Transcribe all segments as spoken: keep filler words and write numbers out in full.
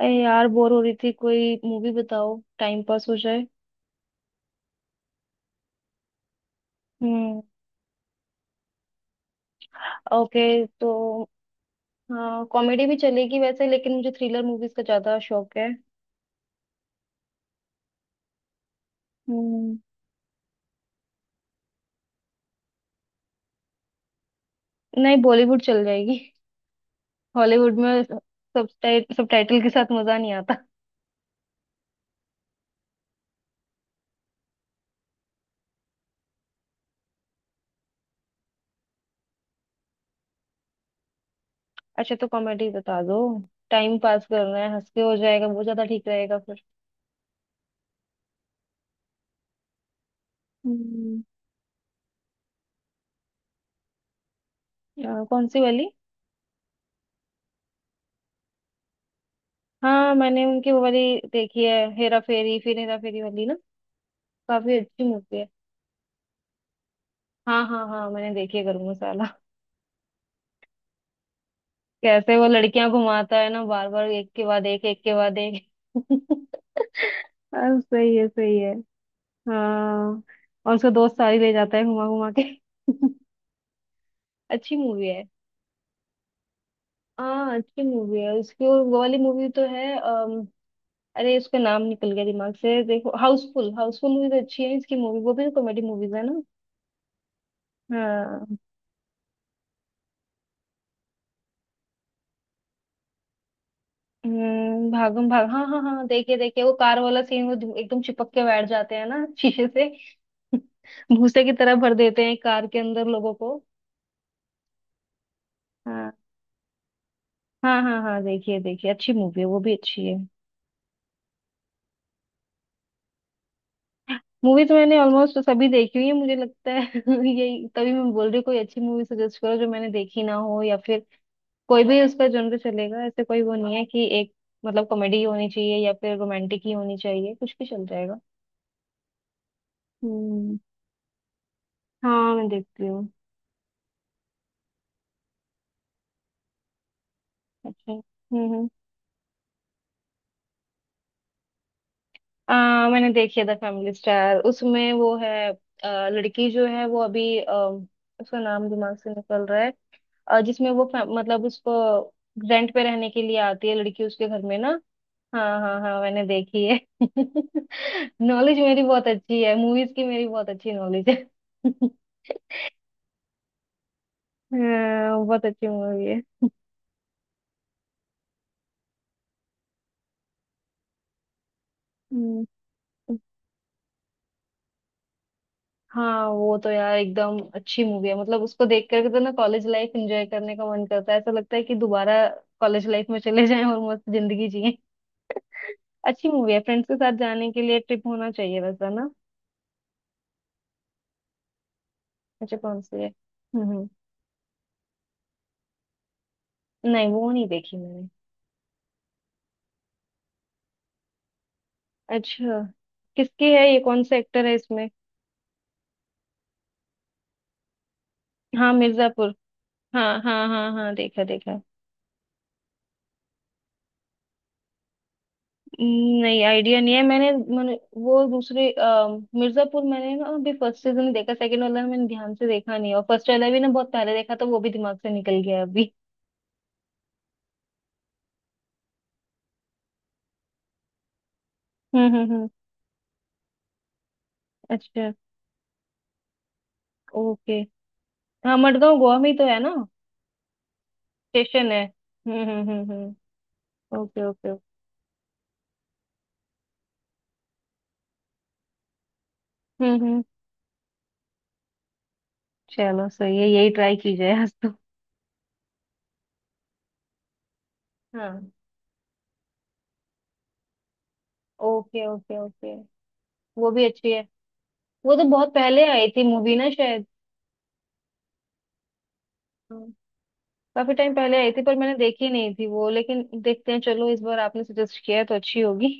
अरे यार बोर हो रही थी। कोई मूवी बताओ टाइम पास हो जाए। हम्म। ओके। तो हाँ, कॉमेडी भी चलेगी वैसे, लेकिन मुझे थ्रिलर मूवीज का ज्यादा शौक है। हम्म। नहीं, बॉलीवुड चल जाएगी। हॉलीवुड में सब टाइटल के साथ मजा नहीं आता। अच्छा, तो कॉमेडी बता दो। टाइम पास करना है, हंस के हो जाएगा वो ज्यादा ठीक रहेगा फिर। हम्म। अ, कौन सी वाली? हाँ, मैंने उनकी वो वाली देखी है, हेरा फेरी, फिर हेरा फेरी वाली ना। काफी अच्छी मूवी है। हाँ हाँ हाँ, मैंने देखी है गरम मसाला। कैसे वो लड़कियां घुमाता है ना, बार बार, एक के बाद एक, एक के बाद एक। हाँ, सही है सही है। हाँ। और उसका दोस्त सारी ले जाता है घुमा घुमा के। अच्छी मूवी है। हाँ, अच्छी मूवी है उसकी। और वो वाली मूवी तो है, अम, अरे उसका नाम निकल गया दिमाग से। देखो, हाउसफुल, हाउसफुल मूवी तो अच्छी है इसकी। मूवी वो भी तो कॉमेडी मूवीज है ना। हाँ। हम्म, भागम भाग, हाँ हाँ हाँ, देखिए देखिए, वो कार वाला सीन, वो एकदम चिपक के बैठ जाते हैं ना शीशे से। भूसे की तरह भर देते हैं कार के अंदर लोगों को। हाँ हाँ हाँ हाँ, देखिए देखिए, अच्छी मूवी है, वो भी अच्छी है। मूवी तो मैंने ऑलमोस्ट सभी देखी हुई है मुझे लगता है। यही, तभी मैं बोल रही हूँ कोई अच्छी मूवी सजेस्ट करो जो मैंने देखी ना हो, या फिर कोई भी उसका जॉनर चलेगा। ऐसे कोई वो नहीं है कि एक मतलब कॉमेडी होनी चाहिए या फिर रोमांटिक ही होनी चाहिए, कुछ भी चल जाएगा। हम्म। हाँ, मैं देखती हूँ। अच्छा। हम्म हम्म। आ, मैंने देखी है द फैमिली स्टार, उसमें वो है, आ, लड़की जो है वो अभी, आ, उसका नाम दिमाग से निकल रहा है। आ, जिसमें वो फै- मतलब उसको रेंट पे रहने के लिए आती है लड़की उसके घर में ना। हाँ हाँ हाँ, मैंने देखी है। नॉलेज मेरी बहुत अच्छी है मूवीज की, मेरी बहुत अच्छी नॉलेज है। हाँ, बहुत अच्छी मूवी है। हम्म। हाँ, वो तो यार एकदम अच्छी मूवी है, मतलब उसको देख करके तो ना कॉलेज लाइफ एंजॉय करने का मन करता है, ऐसा लगता है कि दोबारा कॉलेज लाइफ में चले जाएं और मस्त जिंदगी जिएं। अच्छी मूवी है, फ्रेंड्स के साथ जाने के लिए, ट्रिप होना चाहिए वैसा ना। अच्छा, कौन सी है? हम्म हम्म। नहीं, वो नहीं देखी मैंने। अच्छा, किसकी है ये? कौन सा एक्टर है इसमें? हाँ, मिर्जापुर, हाँ हाँ हाँ हाँ, देखा देखा। नहीं, आइडिया नहीं है। मैंने मैंने वो दूसरे, अ, मिर्जापुर मैंने ना अभी फर्स्ट सीजन देखा, सेकंड वाला मैंने ध्यान से देखा नहीं है, और फर्स्ट वाला भी ना बहुत पहले देखा तो वो भी दिमाग से निकल गया अभी। हम्म हम्म हम्म। अच्छा। ओके। हाँ, मडगांव गोवा में ही तो है ना, स्टेशन है। हम्म हम्म हम्म हम्म। Okay okay okay. हम्म हम्म। चलो, सही है, यही ट्राई की जाए आज तो। हाँ। Okay okay okay. वो भी अच्छी है। वो तो बहुत पहले आई थी मूवी ना शायद। काफी टाइम पहले आई थी पर मैंने देखी नहीं थी वो, लेकिन देखते हैं। चलो, इस बार आपने सजेस्ट किया है तो अच्छी होगी।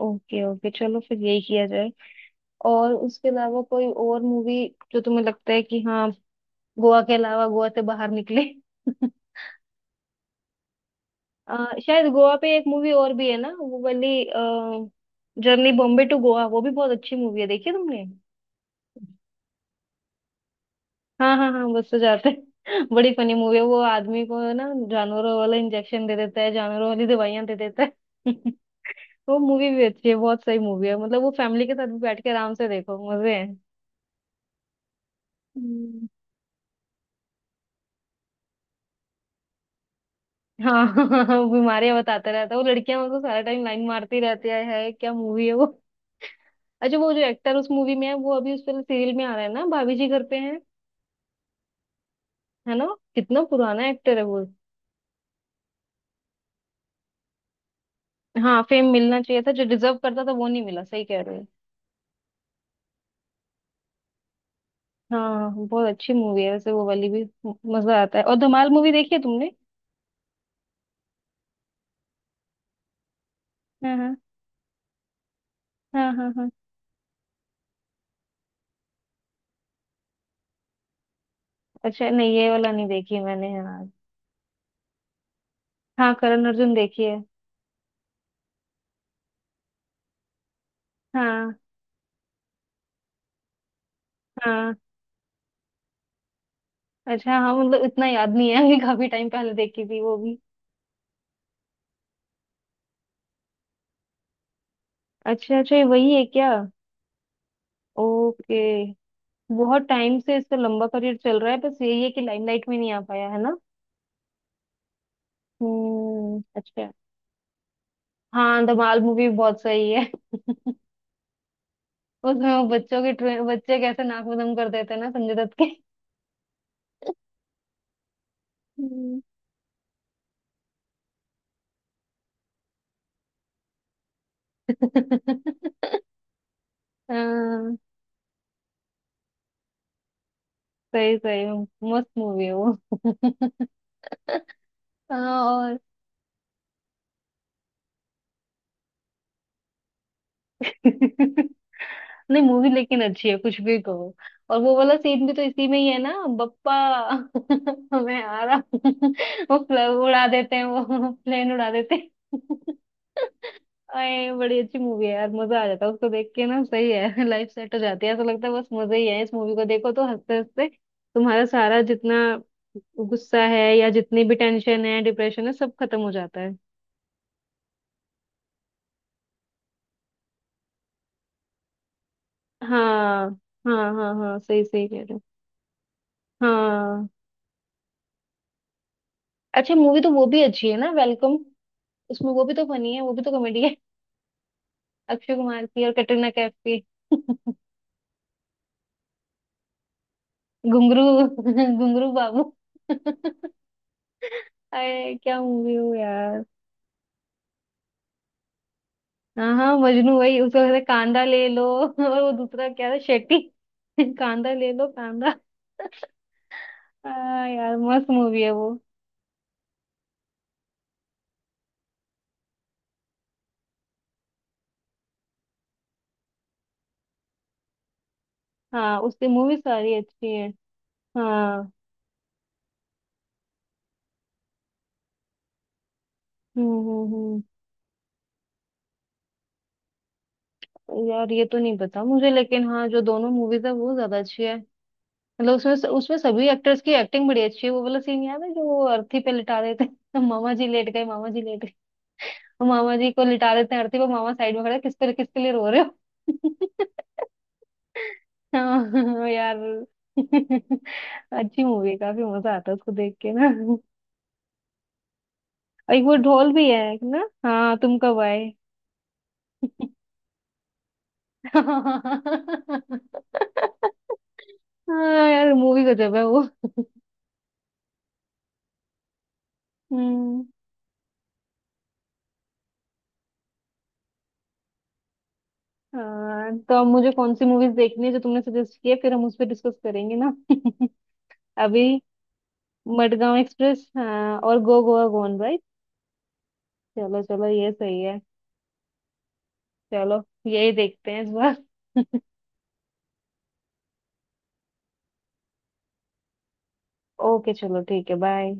ओके ओके, चलो फिर यही किया जाए। और उसके अलावा कोई और मूवी जो तुम्हें लगता है कि हाँ, गोवा के अलावा, गोवा से बाहर निकले। अ, शायद गोवा पे एक मूवी और भी है ना, वो वाली, जर्नी बॉम्बे टू गोवा, वो भी बहुत अच्छी मूवी है, देखी है तुमने? हाँ हाँ हाँ, बस तो जाते हैं। बड़ी फनी मूवी है वो। आदमी को ना जानवरों वाला इंजेक्शन दे देता है, जानवरों वाली दवाइयां दे देता है। वो मूवी भी अच्छी है, बहुत सही मूवी है, मतलब वो फैमिली के साथ भी बैठ के आराम से देखो, मजे हैं। हम्म। हाँ। हाँ, बीमारियां बताता रहता है, वो लड़कियां मतलब सारा टाइम लाइन मारती रहती है, है क्या मूवी है वो। अच्छा, वो जो एक्टर उस मूवी में है वो अभी उस वाले सीरियल में आ रहा है ना, भाभी जी घर पे है है ना। कितना पुराना एक्टर है वो। हाँ, फेम मिलना चाहिए था जो डिजर्व करता था वो नहीं मिला, सही कह रहे हो। हाँ, बहुत अच्छी मूवी है वैसे वो वाली भी, म- मजा आता है। और धमाल मूवी देखी है तुमने? हाँ हाँ हाँ हाँ हाँ। अच्छा, नहीं, ये वाला नहीं देखी मैंने। हाँ। हाँ, करण अर्जुन देखी है। हाँ। हाँ अच्छा, हाँ, मतलब इतना याद नहीं है। कि काफी टाइम पहले देखी थी वो भी। अच्छा अच्छा, ये वही है क्या? ओके। बहुत टाइम से इसका लंबा करियर चल रहा है, बस यही है कि लाइमलाइट में नहीं आ पाया है ना। हम्म। अच्छा। हाँ, धमाल मूवी बहुत सही है। उसमें वो बच्चों के ट्रे- बच्चे कैसे नाक में दम कर देते हैं ना संजय दत्त के। हम्म। हाँ, सही सही। मस्त मूवी है वो। हाँ। और नहीं, मूवी लेकिन अच्छी है कुछ भी कहो। और वो वाला सीन भी तो इसी में ही है ना, बप्पा। मैं आ रहा हूँ। वो फ्ल- उड़ा देते हैं, वो प्लेन उड़ा देते हैं। अरे, बड़ी अच्छी मूवी है यार, मजा आ जाता है उसको देख के ना, सही है। लाइफ सेट हो जाती है ऐसा लगता है, बस मजा ही है। इस मूवी को देखो तो हंसते हंसते तुम्हारा सारा जितना गुस्सा है या जितनी भी टेंशन है, डिप्रेशन है, सब खत्म हो जाता है। हाँ हाँ हाँ हाँ, सही सही कह रहे हो। हाँ। अच्छा, मूवी तो वो भी अच्छी है ना, वेलकम। उसमें वो भी तो फनी है, वो भी तो कॉमेडी है। अक्षय कुमार की और कटरीना कैफ की। घुंगरू। घुंगरू बाबू। अरे क्या मूवी हो यार। हाँ हाँ, मजनू, वही उसको कहते हैं, कांदा ले लो। और वो दूसरा क्या था, शेट्टी? कांदा ले लो कांदा। हाँ यार, मस्त मूवी है वो। हाँ, उसकी मूवी सारी अच्छी है। हाँ। हम्म हम्म हम्म। यार ये तो नहीं पता मुझे, लेकिन हाँ, जो दोनों मूवीज है वो ज्यादा अच्छी है। मतलब उसमें उसमें सभी एक्टर्स की एक्टिंग बड़ी अच्छी है। वो वाला सीन याद है जो वो अर्थी पे लिटा देते हैं। मामा जी लेट गए, मामा जी लेट गए, और मामा जी को लिटा देते हैं अर्थी पे, मामा साइड में खड़े हैं, किस पे, किसके लिए रो रहे हो? हाँ यार। अच्छी मूवी है, काफी मजा आता है उसको देख के ना। और एक वो ढोल भी है एक ना, हाँ, तुम कब आए। हाँ यार, मूवी गजब है वो। हम्म। हाँ, तो अब मुझे कौन सी मूवीज देखनी है जो तुमने सजेस्ट किया, फिर हम उस पर डिस्कस करेंगे ना। अभी? मडगांव एक्सप्रेस हाँ, और गो गोवा गॉन, राइट। चलो चलो, ये सही है। चलो, यही देखते हैं इस बार। ओके चलो, ठीक है, बाय।